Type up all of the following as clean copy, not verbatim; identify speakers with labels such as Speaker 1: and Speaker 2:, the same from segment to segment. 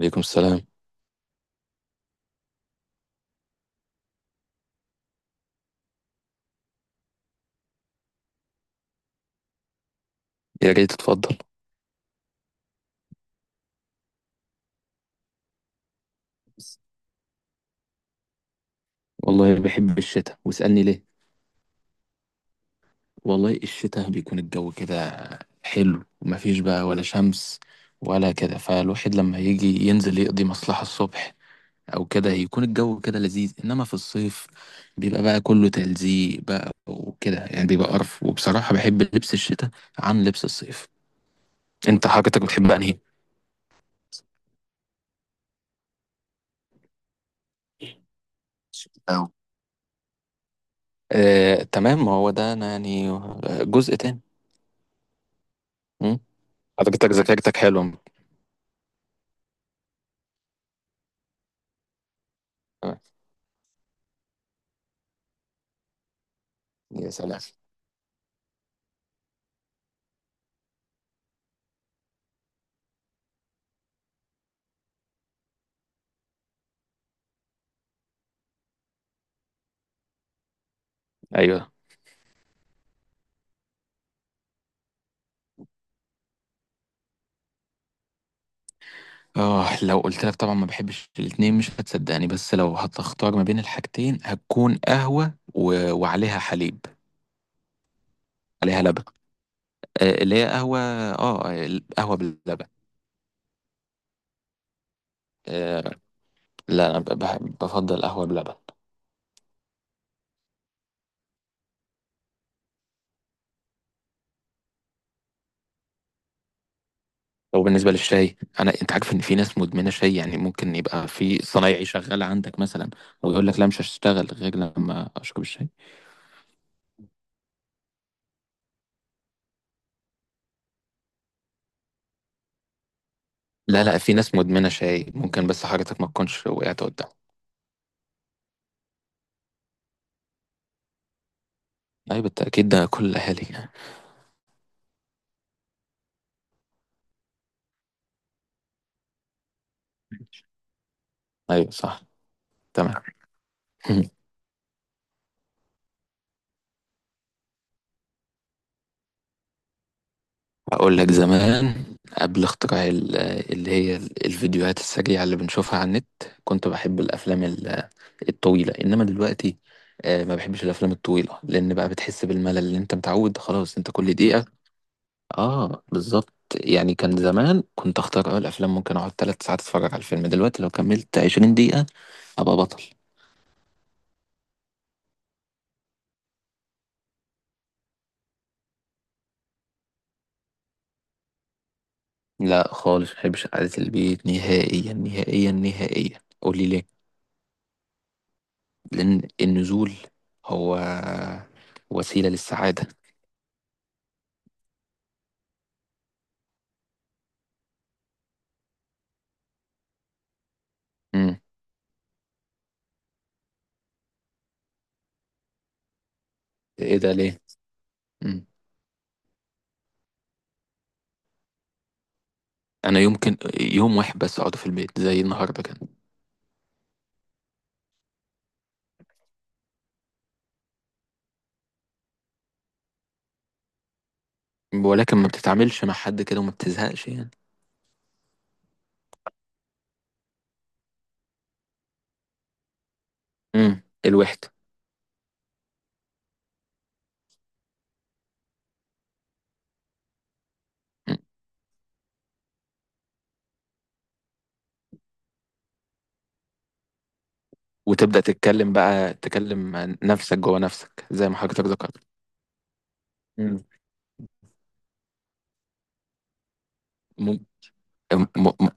Speaker 1: عليكم السلام. يا ريت تتفضل. والله بحب الشتاء، واسألني ليه. والله الشتاء بيكون الجو كده حلو، ومفيش بقى ولا شمس ولا كده، فالواحد لما يجي ينزل يقضي مصلحة الصبح أو كده يكون الجو كده لذيذ. إنما في الصيف بيبقى بقى كله تلزيق بقى وكده، يعني بيبقى قرف. وبصراحة بحب لبس الشتاء عن لبس الصيف. أنت حضرتك بتحب أنهي؟ أو. تمام، ما هو ده أنا يعني جزء تاني. مم. حضرتك ذاكرتك حلوة. آه، يا سلام. ايوه. اه، لو قلت لك طبعا ما بحبش الاتنين مش هتصدقني، بس لو هتختار ما بين الحاجتين هتكون قهوة و... وعليها حليب. عليها لبن. آه، اللي هي قهوة، القهوة باللبن. آه لا، انا بفضل قهوة بلبن. لو بالنسبة للشاي، انا انت عارف ان في ناس مدمنة شاي، يعني ممكن يبقى في صنايعي شغال عندك مثلا، ويقول لك لا مش هشتغل غير لما اشرب الشاي. لا لا، في ناس مدمنة شاي ممكن، بس حضرتك ما تكونش وقعت قدام. اي بالتأكيد، ده كل الاهالي. ايوه صح. تمام. اقول لك زمان، قبل اختراع اللي هي الفيديوهات السريعه اللي بنشوفها على النت، كنت بحب الافلام الطويله. انما دلوقتي ما بحبش الافلام الطويله، لان بقى بتحس بالملل، اللي انت متعود خلاص انت كل دقيقه. اه بالظبط. يعني كان زمان كنت اختار الافلام، ممكن اقعد ثلاث ساعات اتفرج على الفيلم. دلوقتي لو كملت 20 دقيقه ابقى بطل. لا خالص، ما بحبش قعده البيت نهائيا نهائيا نهائيا. قولي ليه. لأن النزول هو وسيلة للسعادة. مم. إيه ده ليه؟ مم. أنا يمكن يوم واحد بس أقعد في البيت، زي النهاردة كده. ولكن ما بتتعاملش مع حد كده وما بتزهقش يعني. مم. الوحدة. مم. وتبدأ تتكلم، بقى تكلم نفسك جوه نفسك، زي ما حضرتك ذكرت. مم. م... م... م...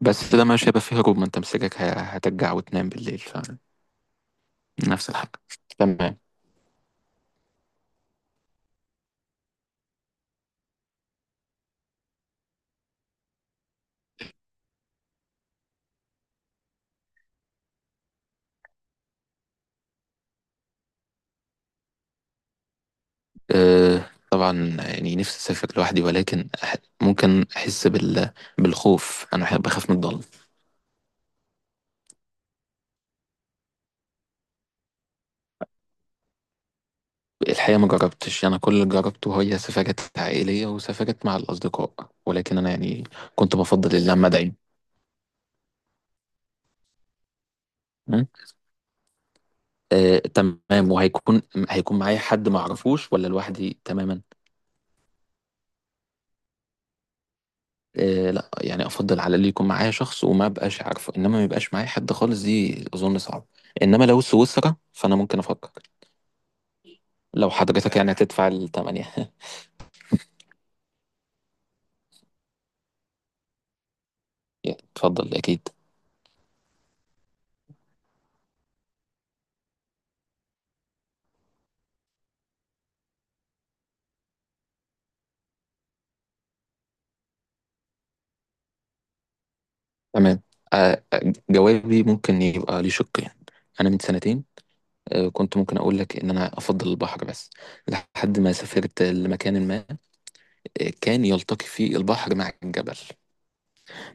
Speaker 1: بس ده مش هيبقى فيه هروب، ما أنت مسكك هترجع وتنام بالليل. فنفس الحاجة. تمام. أه طبعا، يعني نفسي اسافر لوحدي، ولكن ممكن احس بالخوف. انا بحب اخاف من الضلمه. الحقيقه ما جربتش، انا كل اللي جربته هي سفرات عائليه وسفرات مع الاصدقاء. ولكن انا يعني كنت بفضل اللمه دايما. م? أه تمام. هيكون معايا حد ما اعرفوش ولا لوحدي تماما؟ أه لا، يعني افضل على اللي يكون معايا شخص وما بقاش عارفه، انما ما يبقاش معايا حد خالص دي اظن صعب. انما لو سويسرا فانا ممكن افكر. لو حضرتك يعني هتدفع الثمانية. اتفضل أكيد. تمام. جوابي ممكن يبقى ليه شقين. أنا من سنتين كنت ممكن أقول لك إن أنا أفضل البحر، بس لحد ما سافرت لمكان ما كان يلتقي فيه البحر مع الجبل.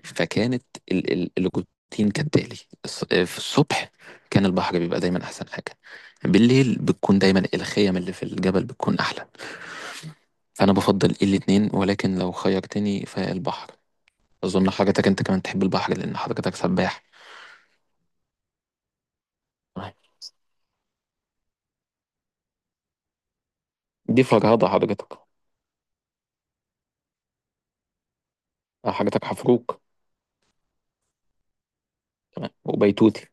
Speaker 1: فكانت الروتين كالتالي: في الصبح كان البحر بيبقى دايما أحسن حاجة، بالليل بتكون دايما الخيم اللي في الجبل بتكون أحلى. فأنا بفضل الاتنين، ولكن لو خيرتني فالبحر. أظن حضرتك أنت كمان تحب البحر لأن حضرتك سباح. دي فرهضة حضرتك. حضرتك حفروك. تمام وبيتوتي.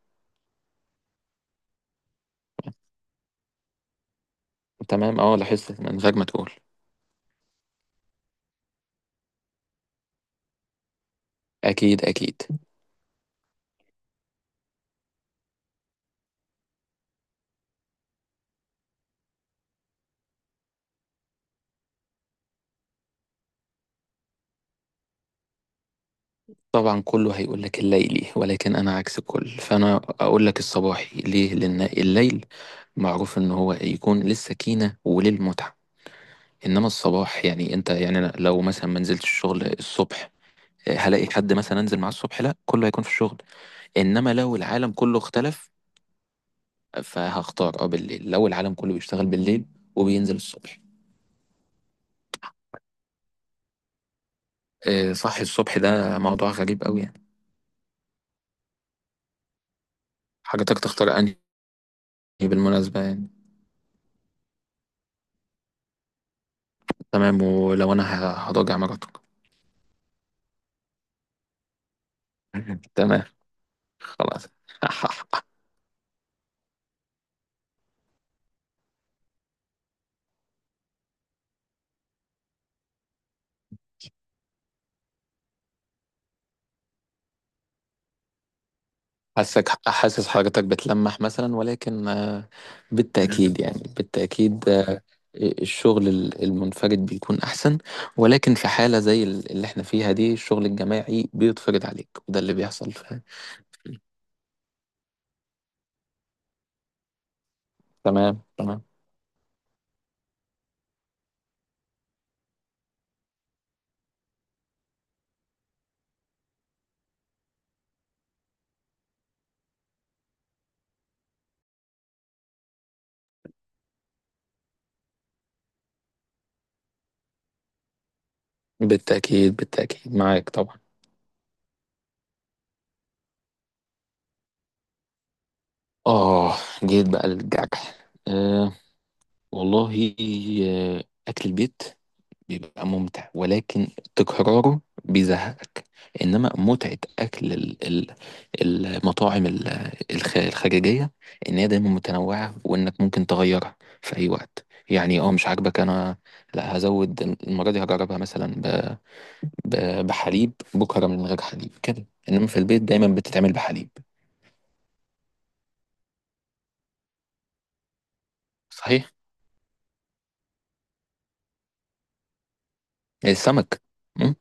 Speaker 1: تمام. اه، لاحظت من غير ما تقول. اكيد اكيد. طبعا كله هيقول لك الليلي، ولكن انا عكس الكل، فانا اقول لك الصباحي. ليه؟ لان الليل معروف ان هو يكون للسكينة وللمتعة. انما الصباح يعني انت يعني أنا لو مثلا ما نزلتش الشغل الصبح هلاقي حد مثلا انزل معاه الصبح؟ لا، كله هيكون في الشغل. انما لو العالم كله اختلف فهختار بالليل، لو العالم كله بيشتغل بالليل وبينزل الصبح. إيه صح الصبح، ده موضوع غريب قوي يعني. حاجتك تختار انهي بالمناسبة، يعني. تمام ولو انا هراجع مراتك. تمام خلاص. حاسس حاجتك بتلمح مثلا ولكن. بالتأكيد. يعني بالتأكيد. الشغل المنفرد بيكون أحسن، ولكن في حالة زي اللي احنا فيها دي الشغل الجماعي بيتفرض عليك، وده اللي بيحصل. تمام تمام. بالتأكيد بالتأكيد معاك طبعا. آه، جيت بقى للجرح. والله أكل البيت بيبقى ممتع، ولكن تكراره بيزهقك. إنما متعة أكل المطاعم الخارجية، إن هي دايما متنوعة وإنك ممكن تغيرها في أي وقت. يعني مش عاجبك أنا، لا هزود، المرة دي هجربها مثلا بحليب، بكرة من غير حليب كده. إنما في البيت دايما بتتعمل بحليب. صحيح. السمك. مم،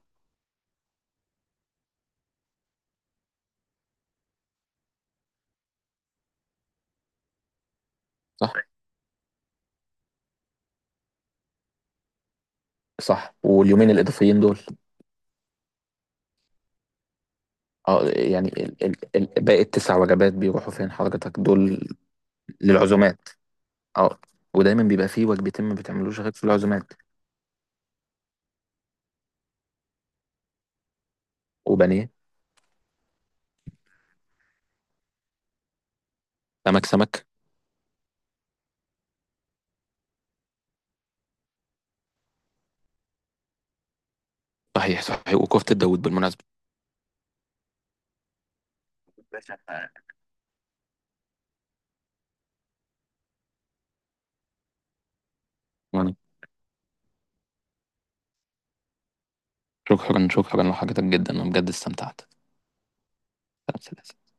Speaker 1: صح صح. واليومين الإضافيين دول، اه يعني ال باقي التسع وجبات بيروحوا فين حضرتك دول؟ للعزومات. اه. ودايما بيبقى فيه وجبتين ما بتعملوش غير في العزومات. وبانيه. سمك سمك. صحيح صحيح، وكفتة داوود بالمناسبة. باشا. تعال. وانا شكرا شكرا لحضرتك جدا، انا بجد استمتعت. سلام سلام.